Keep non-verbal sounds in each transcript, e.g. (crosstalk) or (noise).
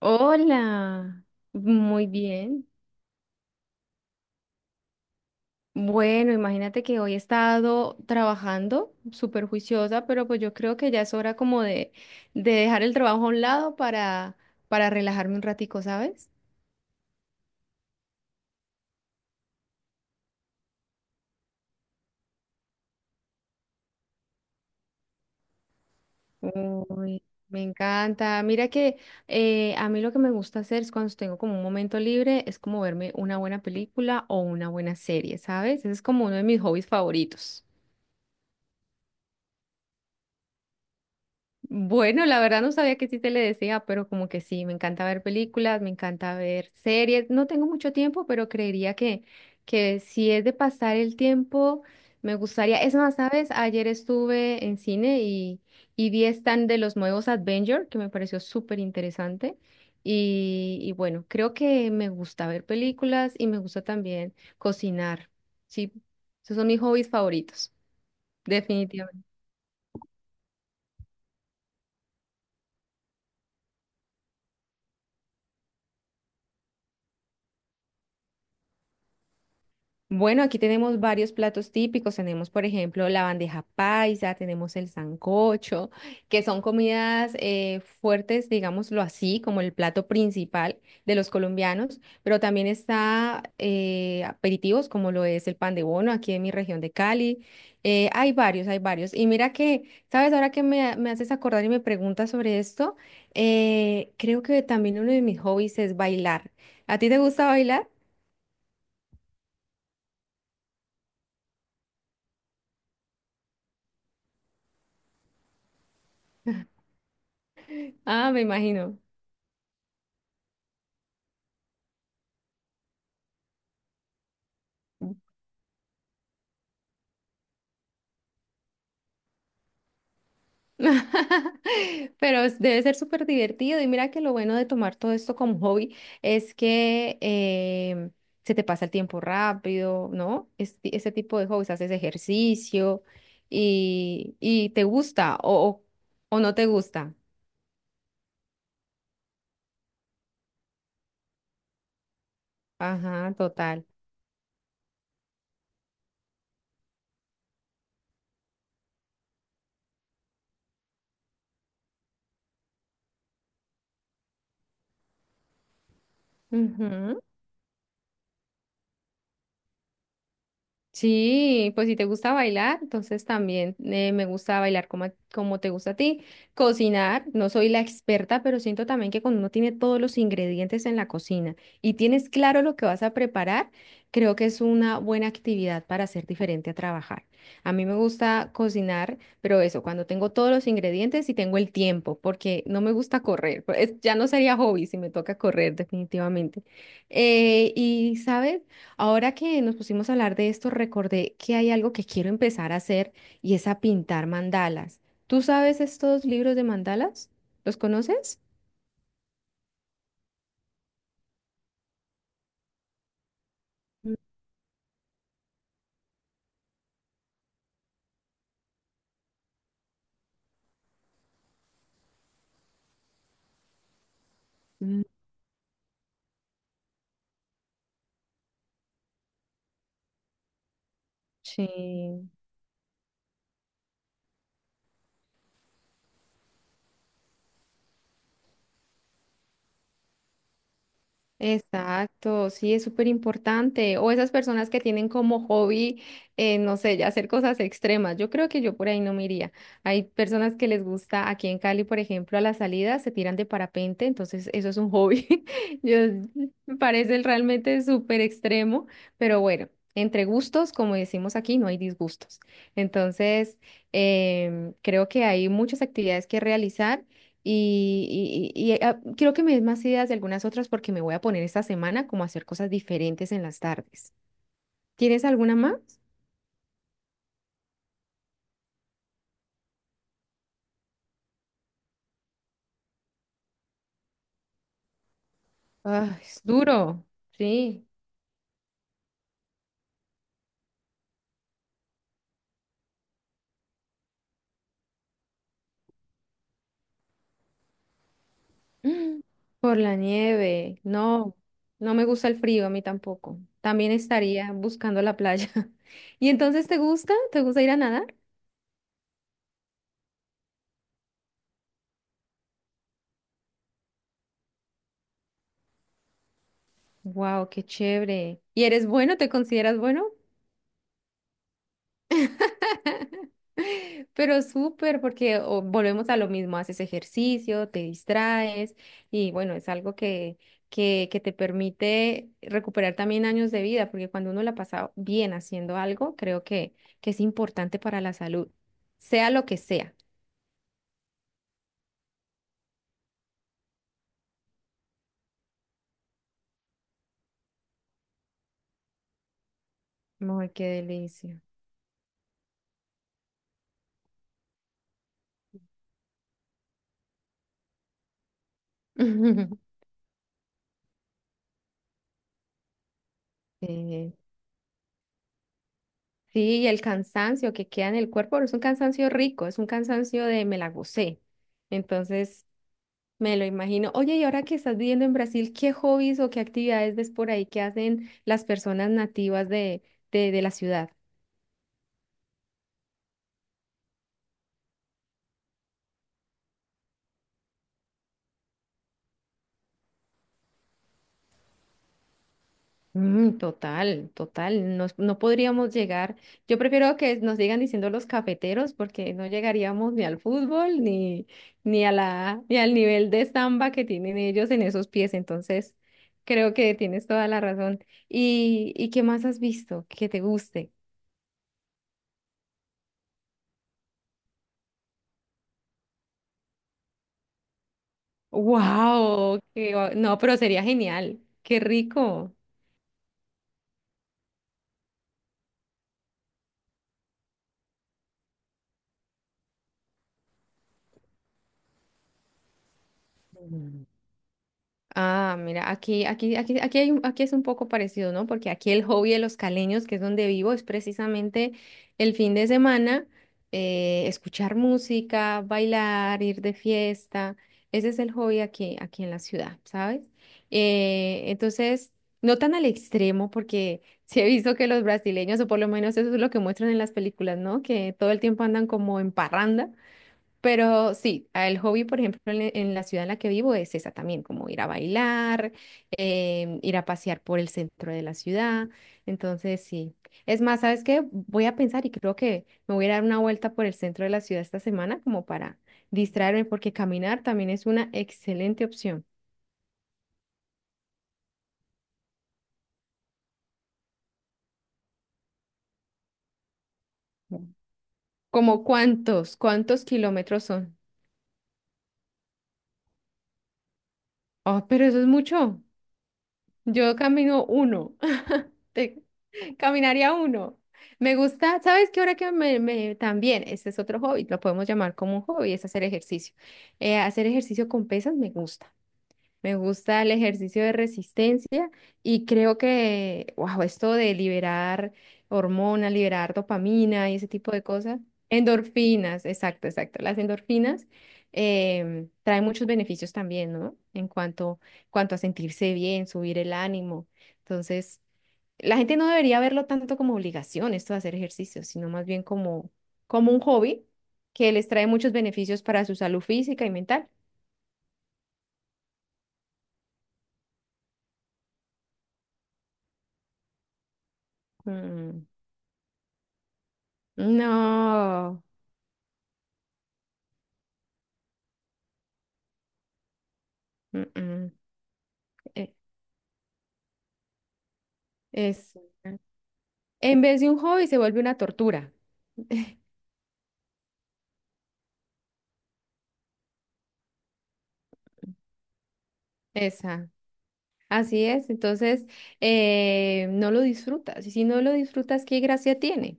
Hola, muy bien. Bueno, imagínate que hoy he estado trabajando súper juiciosa, pero pues yo creo que ya es hora como de dejar el trabajo a un lado para relajarme un ratico, ¿sabes? Uy, me encanta. Mira que a mí lo que me gusta hacer es cuando tengo como un momento libre, es como verme una buena película o una buena serie, ¿sabes? Ese es como uno de mis hobbies favoritos. Bueno, la verdad no sabía que sí se le decía, pero como que sí, me encanta ver películas, me encanta ver series. No tengo mucho tiempo, pero creería que si es de pasar el tiempo, me gustaría. Es más, ¿sabes? Ayer estuve en cine y vi stand de los nuevos Avengers, que me pareció súper interesante. Y bueno, creo que me gusta ver películas y me gusta también cocinar. Sí, esos son mis hobbies favoritos, definitivamente. Bueno, aquí tenemos varios platos típicos. Tenemos, por ejemplo, la bandeja paisa, tenemos el sancocho, que son comidas fuertes, digámoslo así, como el plato principal de los colombianos, pero también está aperitivos, como lo es el pan de bono aquí en mi región de Cali. Hay varios, hay varios. Y mira que, ¿sabes? Ahora que me haces acordar y me preguntas sobre esto, creo que también uno de mis hobbies es bailar. ¿A ti te gusta bailar? Ah, me imagino. (laughs) Debe ser súper divertido y mira que lo bueno de tomar todo esto como hobby es que se te pasa el tiempo rápido, ¿no? Ese tipo de hobbies, haces ejercicio y te gusta o no te gusta. Ajá, total. Sí, pues si te gusta bailar, entonces también me gusta bailar como, como te gusta a ti. Cocinar, no soy la experta, pero siento también que cuando uno tiene todos los ingredientes en la cocina y tienes claro lo que vas a preparar, creo que es una buena actividad para ser diferente a trabajar. A mí me gusta cocinar, pero eso, cuando tengo todos los ingredientes y tengo el tiempo, porque no me gusta correr. (laughs) Pues, ya no sería hobby si me toca correr, definitivamente. ¿Sabes? Ahora que nos pusimos a hablar de esto, recordé que hay algo que quiero empezar a hacer y es a pintar mandalas. ¿Tú sabes estos libros de mandalas? ¿Los conoces? Mm, sí. Exacto, sí, es súper importante. O esas personas que tienen como hobby, no sé, ya hacer cosas extremas. Yo creo que yo por ahí no me iría. Hay personas que les gusta, aquí en Cali, por ejemplo, a la salida se tiran de parapente, entonces eso es un hobby. (laughs) Yo, me parece realmente súper extremo, pero bueno, entre gustos, como decimos aquí, no hay disgustos. Entonces, creo que hay muchas actividades que realizar. Quiero que me des más ideas de algunas otras porque me voy a poner esta semana como a hacer cosas diferentes en las tardes. ¿Tienes alguna más? Ah, es duro, sí. Mm, por la nieve, no, no me gusta el frío, a mí tampoco. También estaría buscando la playa. (laughs) ¿Y entonces te gusta? ¿Te gusta ir a nadar? Wow, qué chévere. ¿Y eres bueno? ¿Te consideras bueno? (laughs) Pero súper, porque o, volvemos a lo mismo, haces ejercicio, te distraes y bueno, es algo que te permite recuperar también años de vida, porque cuando uno la pasa bien haciendo algo, creo que es importante para la salud, sea lo que sea. Ay, qué delicia. (laughs) Sí, sí, y el cansancio que queda en el cuerpo, pero es un cansancio rico, es un cansancio de me la gocé. Entonces, me lo imagino. Oye, y ahora que estás viviendo en Brasil, ¿qué hobbies o qué actividades ves por ahí que hacen las personas nativas de la ciudad? Mm, total, total. No podríamos llegar. Yo prefiero que nos sigan diciendo los cafeteros porque no llegaríamos ni al fútbol ni a la, ni al nivel de samba que tienen ellos en esos pies. Entonces, creo que tienes toda la razón. ¿Y qué más has visto que te guste? Wow, no, pero sería genial. Qué rico. Mm. Ah, mira, aquí, aquí, aquí, aquí hay, aquí es un poco parecido, ¿no? Porque aquí el hobby de los caleños, que es donde vivo, es precisamente el fin de semana, escuchar música, bailar, ir de fiesta. Ese es el hobby aquí, aquí en la ciudad, ¿sabes? Entonces, no tan al extremo, porque (laughs) sí he visto que los brasileños, o por lo menos eso es lo que muestran en las películas, ¿no? Que todo el tiempo andan como en parranda. Pero sí, el hobby, por ejemplo, la en la ciudad en la que vivo es esa también, como ir a bailar, ir a pasear por el centro de la ciudad. Entonces, sí. Es más, ¿sabes qué? Voy a pensar y creo que me voy a dar una vuelta por el centro de la ciudad esta semana como para distraerme, porque caminar también es una excelente opción. Mm. ¿Como cuántos? ¿Cuántos kilómetros son? Oh, pero eso es mucho. Yo camino uno. Te- (laughs) Caminaría uno. Me gusta, ¿sabes qué? Ahora que también, este es otro hobby, lo podemos llamar como un hobby, es hacer ejercicio. Hacer ejercicio con pesas me gusta. Me gusta el ejercicio de resistencia y creo que, wow, esto de liberar hormonas, liberar dopamina y ese tipo de cosas. Endorfinas, exacto, exacto. Las endorfinas traen muchos beneficios también, ¿no? Cuanto a sentirse bien, subir el ánimo. Entonces la gente no debería verlo tanto como obligación, esto de hacer ejercicio, sino más bien como, como un hobby que les trae muchos beneficios para su salud física y mental. Mm, no, mm, mm, e- es, en vez de un hobby se vuelve una tortura. Esa. Así es, entonces no lo disfrutas. Y si no lo disfrutas, ¿qué gracia tiene?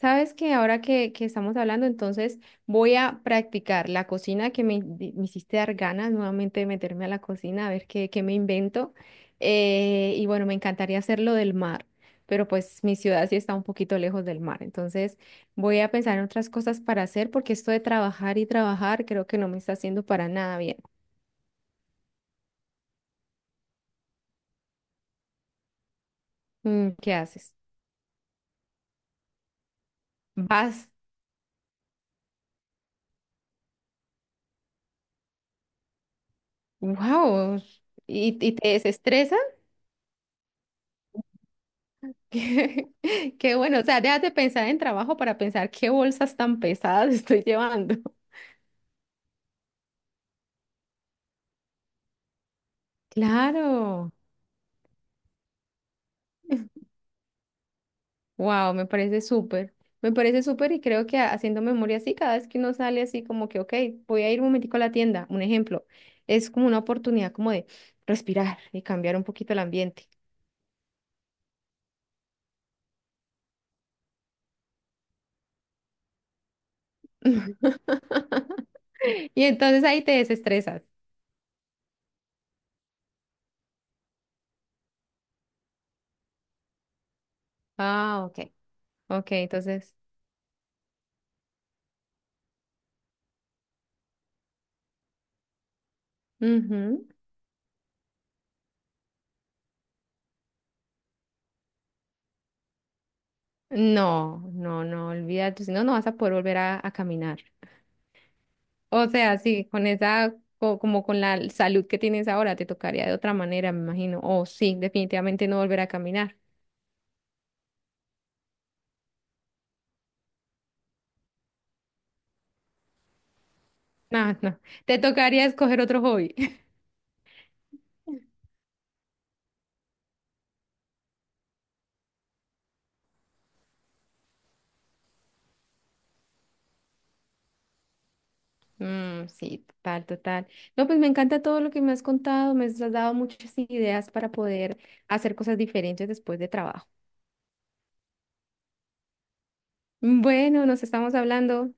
Sabes que ahora que estamos hablando, entonces voy a practicar la cocina que me hiciste dar ganas nuevamente de meterme a la cocina, a ver qué me invento. Y bueno, me encantaría hacerlo del mar, pero pues mi ciudad sí está un poquito lejos del mar. Entonces voy a pensar en otras cosas para hacer, porque esto de trabajar y trabajar creo que no me está haciendo para nada bien. Mm, ¿qué haces? ¿Vas? Wow, y te desestresa. (laughs) Qué, qué bueno, o sea, dejas de pensar en trabajo para pensar qué bolsas tan pesadas (laughs) estoy llevando. Claro, wow, me parece súper y creo que haciendo memoria así, cada vez que uno sale así como que, ok, voy a ir un momentico a la tienda, un ejemplo, es como una oportunidad como de respirar y cambiar un poquito el ambiente. (laughs) Y entonces ahí te desestresas. Ah, ok, ok, entonces. Ujú. No, no, no, olvídate, si no, no vas a poder volver a caminar. O sea, sí, como con la salud que tienes ahora, te tocaría de otra manera, me imagino. O sí, definitivamente no volver a caminar. (laughs) No, no, te tocaría escoger otro hobby. (laughs) Mm, sí, total, total. No, pues me encanta todo lo que me has contado, me has dado muchas ideas para poder hacer cosas diferentes después de trabajo. Bueno, nos estamos hablando.